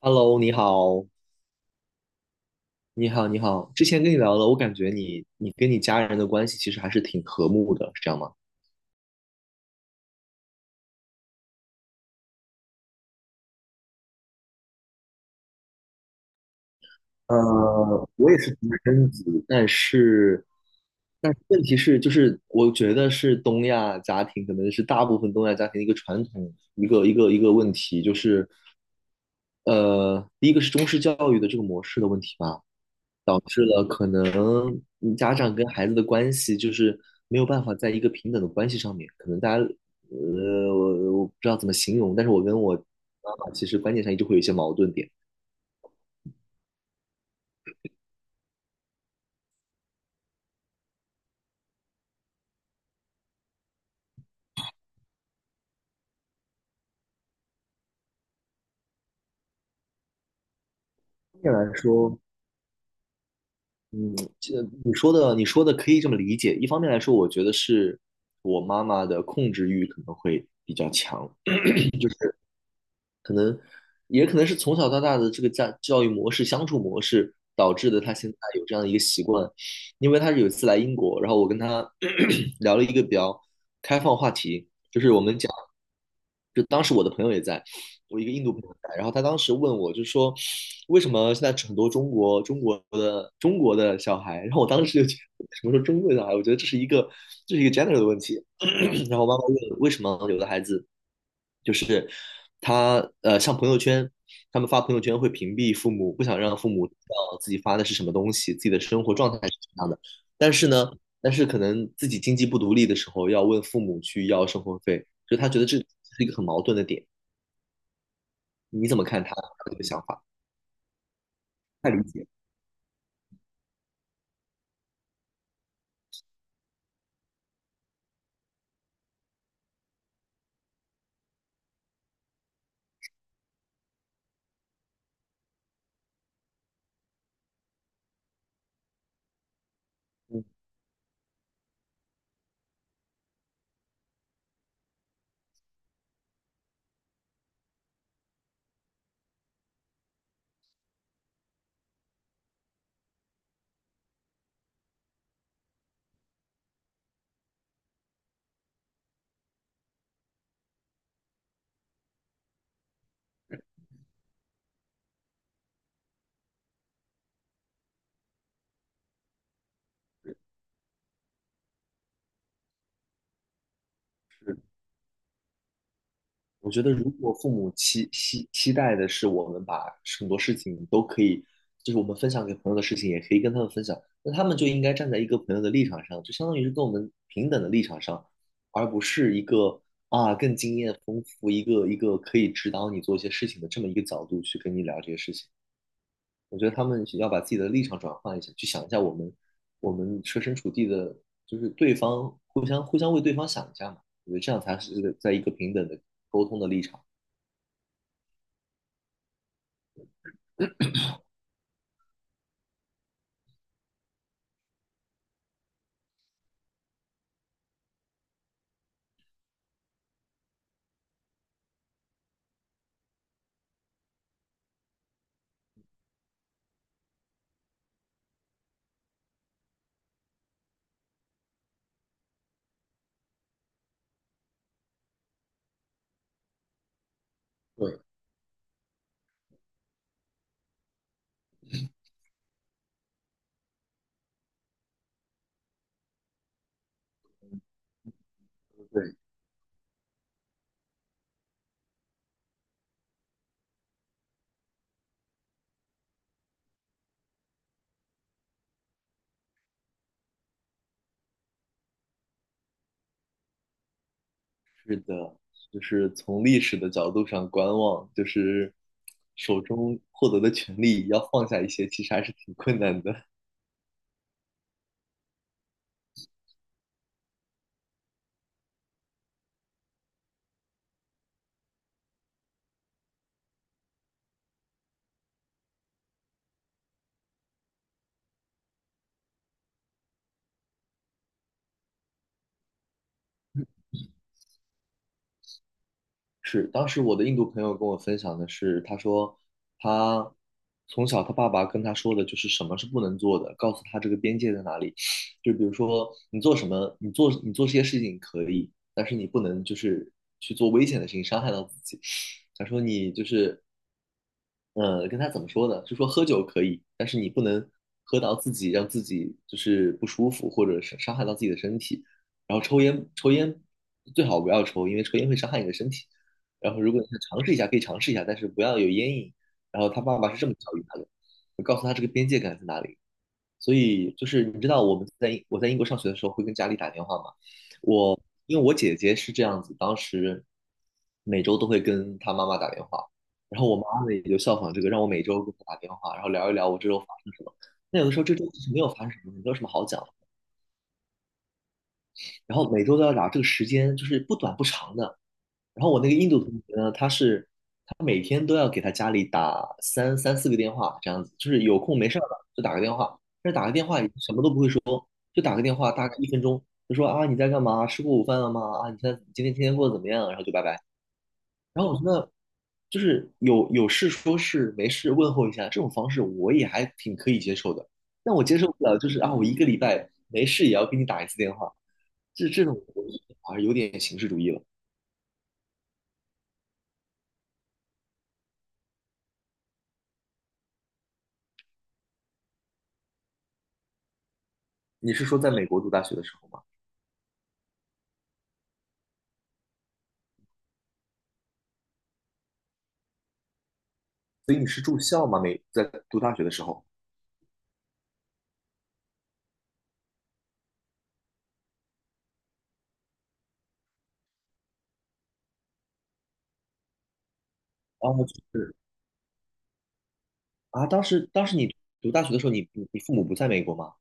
Hello，你好，你好，你好。之前跟你聊了，我感觉你跟你家人的关系其实还是挺和睦的，是这样吗？呃，我也是独生子，但是，问题是，就是我觉得是东亚家庭，可能是大部分东亚家庭的一个传统，一个问题，就是，第一个是中式教育的这个模式的问题吧。导致了可能家长跟孩子的关系就是没有办法在一个平等的关系上面，可能大家我不知道怎么形容，但是我跟我妈妈其实观念上一直会有一些矛盾点。一方面来说，嗯，这你说的可以这么理解。一方面来说，我觉得是我妈妈的控制欲可能会比较强，也可能是从小到大的这个家教育模式、相处模式导致的，他现在有这样的一个习惯。因为他是有一次来英国，然后我跟他 聊了一个比较开放话题，就是我们讲，就当时我的朋友也在，我一个印度朋友在，然后他当时问我，就说为什么现在很多中国的小孩，然后我当时就觉得什么时候中国的小孩，我觉得这是一个g e n e r a l 的问题，然后我妈妈问为什么有的孩子。就是他像朋友圈，他们发朋友圈会屏蔽父母，不想让父母知道自己发的是什么东西，自己的生活状态是什么样的。但是呢，但是可能自己经济不独立的时候，要问父母去要生活费，就是他觉得这是一个很矛盾的点。你怎么看他这个想法？太理解。嗯，是，我觉得，如果父母期待的是我们把很多事情都可以，就是我们分享给朋友的事情，也可以跟他们分享，那他们就应该站在一个朋友的立场上，就相当于是跟我们平等的立场上，而不是一个啊更经验丰富，一个可以指导你做一些事情的这么一个角度去跟你聊这些事情。我觉得他们要把自己的立场转换一下，去想一下我们设身处地的，就是对方互相为对方想一下嘛。我觉得这样才是在一个平等的沟通的立场。对对，是的，就是从历史的角度上观望，就是手中获得的权利要放下一些，其实还是挺困难的。是，当时我的印度朋友跟我分享的是，他说他从小他爸爸跟他说的就是什么是不能做的，告诉他这个边界在哪里。就比如说你做什么，你做这些事情可以，但是你不能就是去做危险的事情，伤害到自己。他说你就是跟他怎么说呢？就说喝酒可以，但是你不能喝到自己让自己就是不舒服，或者是伤害到自己的身体。然后抽烟，最好不要抽，因为抽烟会伤害你的身体。然后如果你想尝试一下，可以尝试一下，但是不要有烟瘾。然后他爸爸是这么教育他的，我告诉他这个边界感在哪里。所以就是你知道我在英国上学的时候会跟家里打电话吗？因为我姐姐是这样子，当时每周都会跟她妈妈打电话，然后我妈呢也就效仿这个，让我每周给她打电话，然后聊一聊我这周发生什么。那有的时候这周其实没有发生什么，没有什么好讲的，然后每周都要打，这个时间就是不短不长的。然后我那个印度同学呢，他每天都要给他家里打三四个电话，这样子，就是有空没事儿了就打个电话，但是打个电话也什么都不会说，就打个电话大概一分钟，就说啊你在干嘛，吃过午饭了吗？啊你现在今天过得怎么样？然后就拜拜。然后我觉得就是有事说事，没事问候一下，这种方式我也还挺可以接受的。但我接受不了就是啊，我一个礼拜没事也要给你打一次电话，这种我觉得好像有点形式主义了。你是说在美国读大学的时候吗？所以你是住校吗？在读大学的时候？哦，就是啊，当时你读大学的时候，你父母不在美国吗？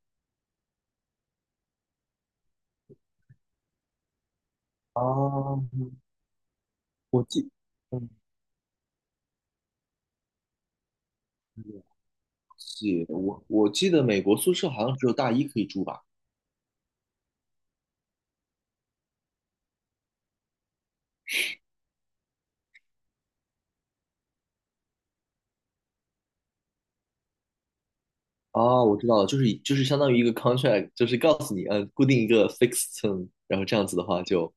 啊，我记，嗯，我我记得美国宿舍好像只有大一可以住吧。哦，我知道了，就是相当于一个 contract，就是告诉你，固定一个 fixed term，然后这样子的话就，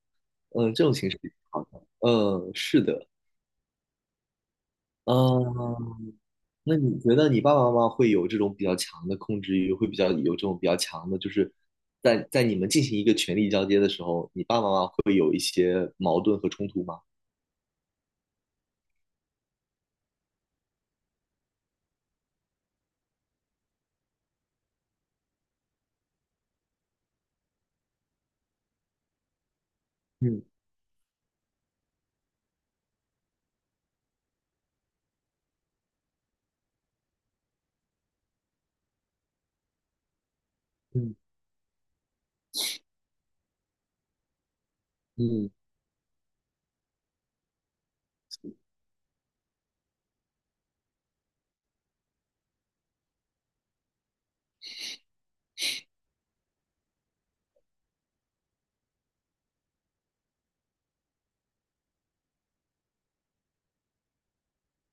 这种形式好的，嗯，是的，嗯，那你觉得你爸爸妈妈会有这种比较强的控制欲，会比较有这种比较强的，就是你们进行一个权力交接的时候，你爸爸妈妈会有一些矛盾和冲突吗？嗯嗯嗯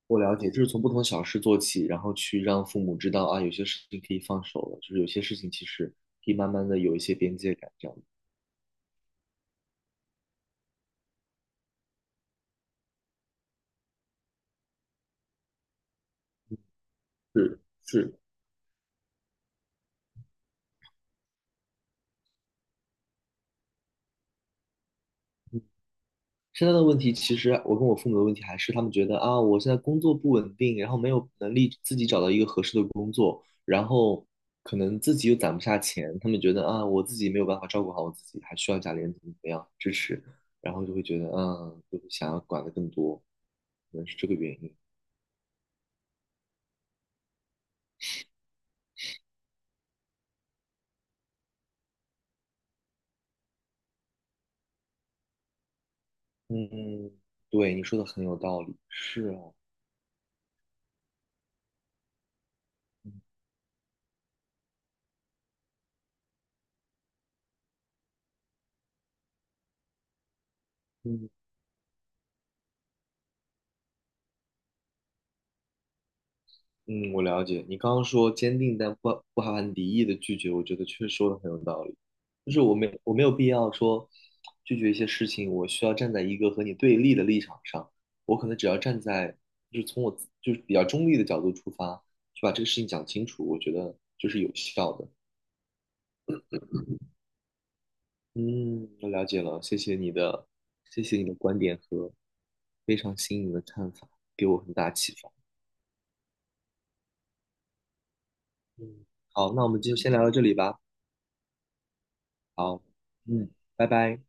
我了解，就是从不同小事做起，然后去让父母知道啊，有些事情可以放手了，就是有些事情其实可以慢慢的有一些边界感，这样。是是，现在的问题，其实我跟我父母的问题还是他们觉得啊，我现在工作不稳定，然后没有能力自己找到一个合适的工作，然后可能自己又攒不下钱，他们觉得啊，我自己没有办法照顾好我自己，还需要家里人怎么样支持，然后就会觉得就是想要管得更多，可能是这个原因。嗯，对，你说的很有道理。是啊，嗯嗯，我了解。你刚刚说坚定但不含敌意的拒绝，我觉得确实说的很有道理。就是我没有必要说拒绝一些事情，我需要站在一个和你对立的立场上。我可能只要站在就是从我自就是比较中立的角度出发，去把这个事情讲清楚，我觉得就是有效的。嗯，我了解了，谢谢你的观点和非常新颖的看法，给我很大启发。嗯，好，那我们就先聊到这里吧。好，嗯，拜拜。